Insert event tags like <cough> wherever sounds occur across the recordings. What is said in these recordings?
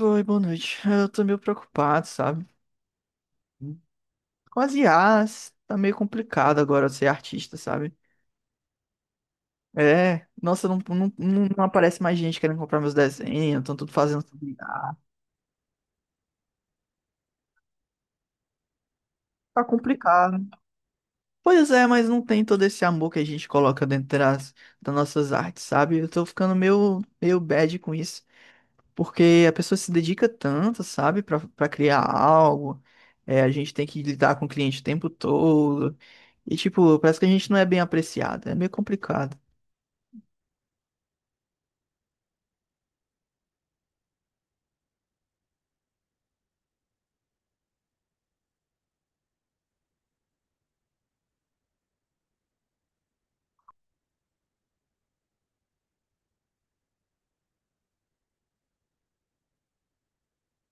Oi, boa noite. Eu tô meio preocupado, sabe? Com as IAs, tá meio complicado agora ser artista, sabe? É, nossa, não, não, não aparece mais gente querendo comprar meus desenhos, estão tudo fazendo tudo IA. Tá complicado. Pois é, mas não tem todo esse amor que a gente coloca dentro das nossas artes, sabe? Eu tô ficando meio bad com isso. Porque a pessoa se dedica tanto, sabe, para criar algo. É, a gente tem que lidar com o cliente o tempo todo. E, tipo, parece que a gente não é bem apreciado. É meio complicado.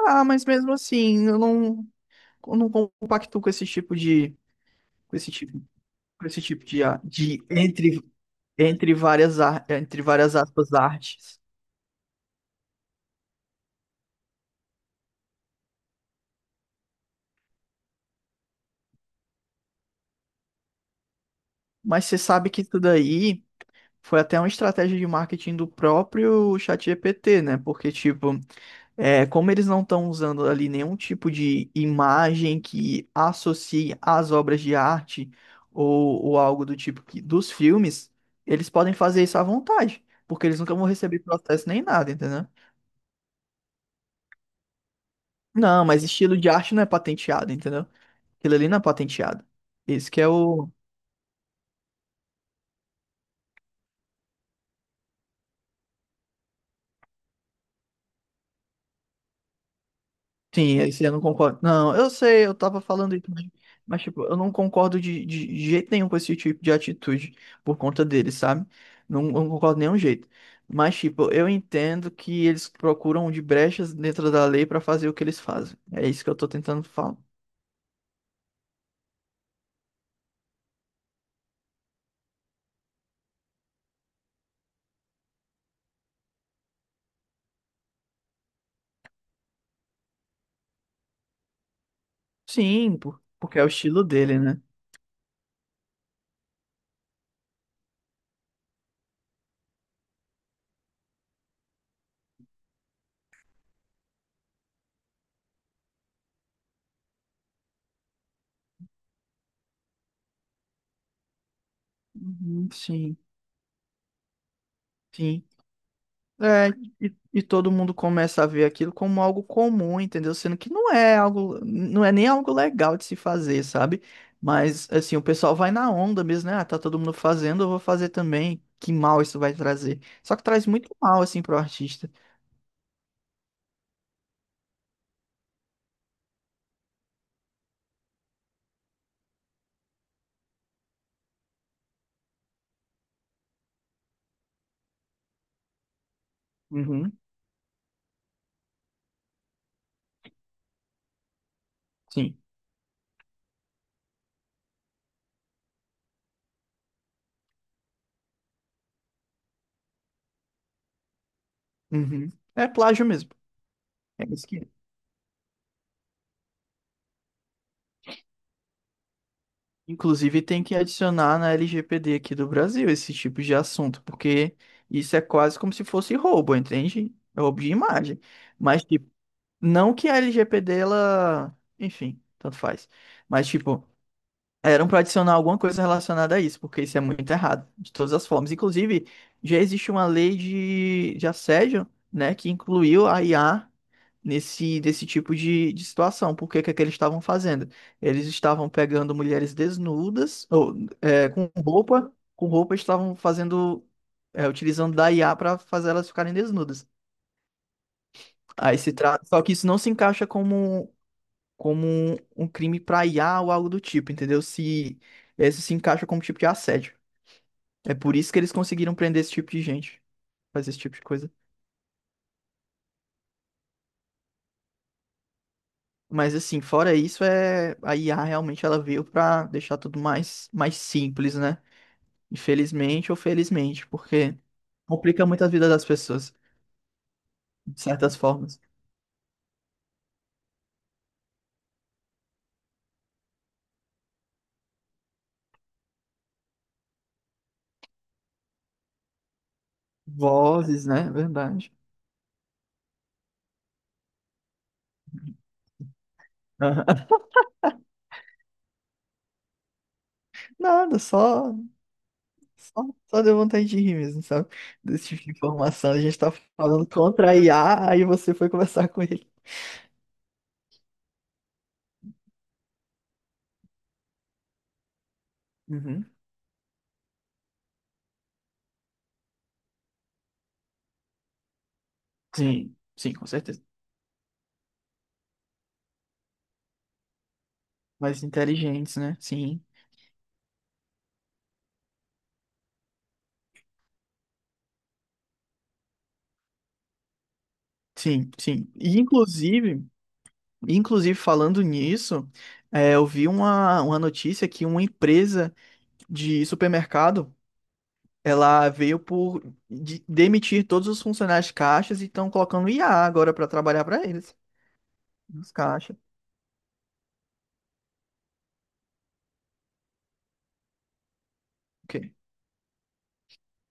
Ah, mas mesmo assim, eu não compacto com esse tipo de, com esse tipo, com esse tipo de, a- de entre, entre várias, ar- entre várias aspas, artes. Mas você sabe que isso daí foi até uma estratégia de marketing do próprio ChatGPT, né? Porque, tipo, é, como eles não estão usando ali nenhum tipo de imagem que associe às obras de arte ou algo do tipo que, dos filmes, eles podem fazer isso à vontade, porque eles nunca vão receber processo nem nada, entendeu? Não, mas estilo de arte não é patenteado, entendeu? Aquilo ali não é patenteado. Esse que é o. Sim, esse eu não concordo. Não, eu sei, eu tava falando isso, mas, tipo, eu não concordo de jeito nenhum com esse tipo de atitude por conta deles, sabe? Não, eu não concordo de nenhum jeito. Mas, tipo, eu entendo que eles procuram de brechas dentro da lei pra fazer o que eles fazem. É isso que eu tô tentando falar. Sim, porque é o estilo dele, né? Uhum, sim, sim. É, e todo mundo começa a ver aquilo como algo comum, entendeu? Sendo que não é algo, não é nem algo legal de se fazer, sabe? Mas assim, o pessoal vai na onda mesmo, né? Ah, tá todo mundo fazendo, eu vou fazer também. Que mal isso vai trazer. Só que traz muito mal assim pro artista. Uhum, sim. Uhum. É plágio mesmo. É isso que é. Inclusive tem que adicionar na LGPD aqui do Brasil esse tipo de assunto, porque isso é quase como se fosse roubo, entende? É roubo de imagem. Mas, tipo, não que a LGPD, ela. Enfim, tanto faz. Mas, tipo, eram para adicionar alguma coisa relacionada a isso, porque isso é muito errado, de todas as formas. Inclusive, já existe uma lei de assédio, né, que incluiu a IA desse tipo de situação. Por que que é que eles estavam fazendo? Eles estavam pegando mulheres desnudas, ou é, com roupa estavam fazendo. É, utilizando da IA para fazer elas ficarem desnudas. Aí se trata. Só que isso não se encaixa como um crime pra IA ou algo do tipo, entendeu? Se isso se encaixa como tipo de assédio. É por isso que eles conseguiram prender esse tipo de gente, fazer esse tipo de coisa. Mas assim, fora isso, é a IA realmente ela veio pra deixar tudo mais simples, né? Infelizmente ou felizmente, porque complica muito a vida das pessoas, de certas formas. Vozes, né? Verdade. <laughs> Nada, só só, só deu vontade de rir mesmo, sabe? Desse tipo de informação. A gente tá falando contra a IA, aí você foi conversar com ele. Uhum. Sim, sim, com certeza. Mais inteligentes, né? Sim, sim, sim. E inclusive, inclusive falando nisso, é, eu vi uma notícia que uma empresa de supermercado, ela veio por demitir todos os funcionários de caixas e estão colocando IA agora para trabalhar para eles, nos caixas. Ok.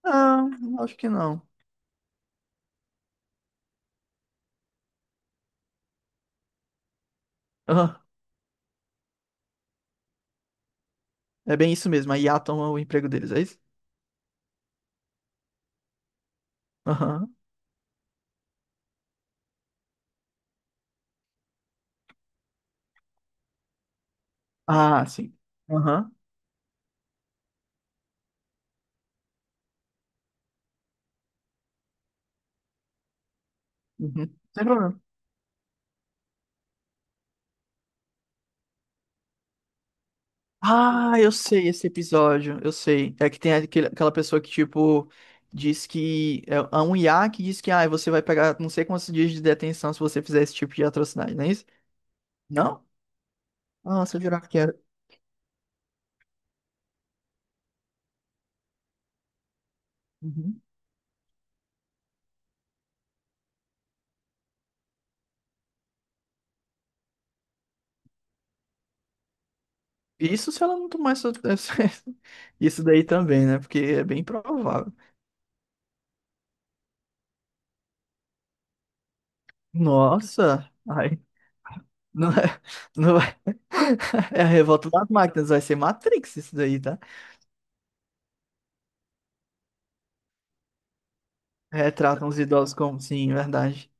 Não, acho que não. <laughs> É bem isso mesmo. A IA toma o emprego deles, é isso? Aham. Ah, sim. Aham. Uhum. Sem problema. Ah, eu sei esse episódio, eu sei. É que tem aquela pessoa que, tipo, diz que. É um IA que diz que ah, você vai pegar não sei quantos dias de detenção se você fizer esse tipo de atrocidade, não é isso? Não? Nossa, eu jurava que era. Uhum. Isso se ela não tomar essa- <laughs> Isso daí também, né? Porque é bem provável. Nossa! Ai, não é. Não. <laughs> É a revolta das máquinas, vai ser Matrix isso daí, tá? Retratam os idosos como, sim, verdade.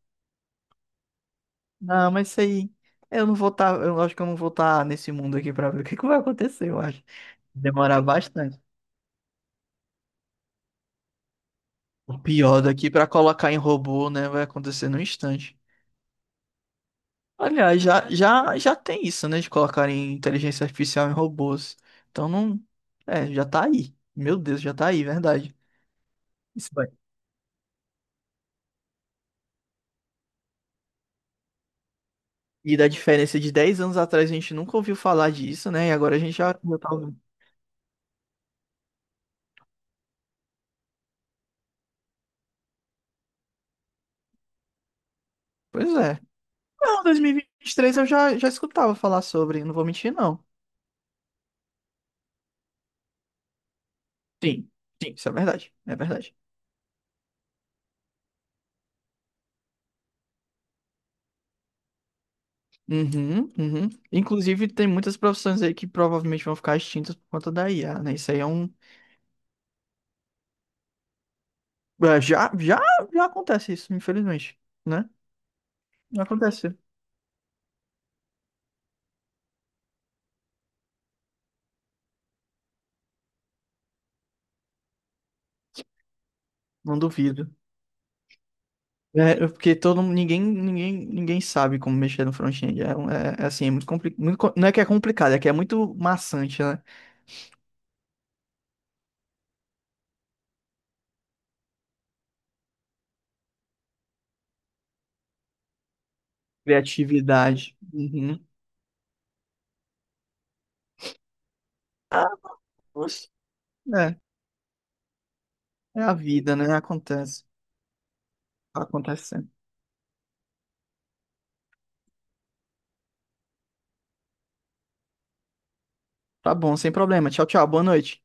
Não, mas isso aí, eu não vou estar, eu acho que eu não vou estar nesse mundo aqui pra ver o que que vai acontecer, eu acho. Demorar bastante. O pior daqui pra colocar em robô, né, vai acontecer num instante. Aliás, já tem isso, né, de colocar em inteligência artificial em robôs. Então não, é, já tá aí. Meu Deus, já tá aí, verdade. Isso vai. E da diferença de 10 anos atrás a gente nunca ouviu falar disso, né? E agora a gente já tá. Pois é. Não, 2023 eu já escutava falar sobre, não vou mentir, não. Sim, sim, isso é verdade. É verdade. Uhum, uhum. Inclusive, tem muitas profissões aí que provavelmente vão ficar extintas por conta da IA, né? Isso aí é um. É, já acontece isso, infelizmente, né? Já acontece. Não duvido. É, porque ninguém sabe como mexer no front-end. É assim, é muito complicado. Muito, não é que é complicado, é que é muito maçante, né? Criatividade. Uhum. Ah, nossa. É a vida, né? Acontece. Tá acontecendo. Tá bom, sem problema. Tchau, tchau. Boa noite.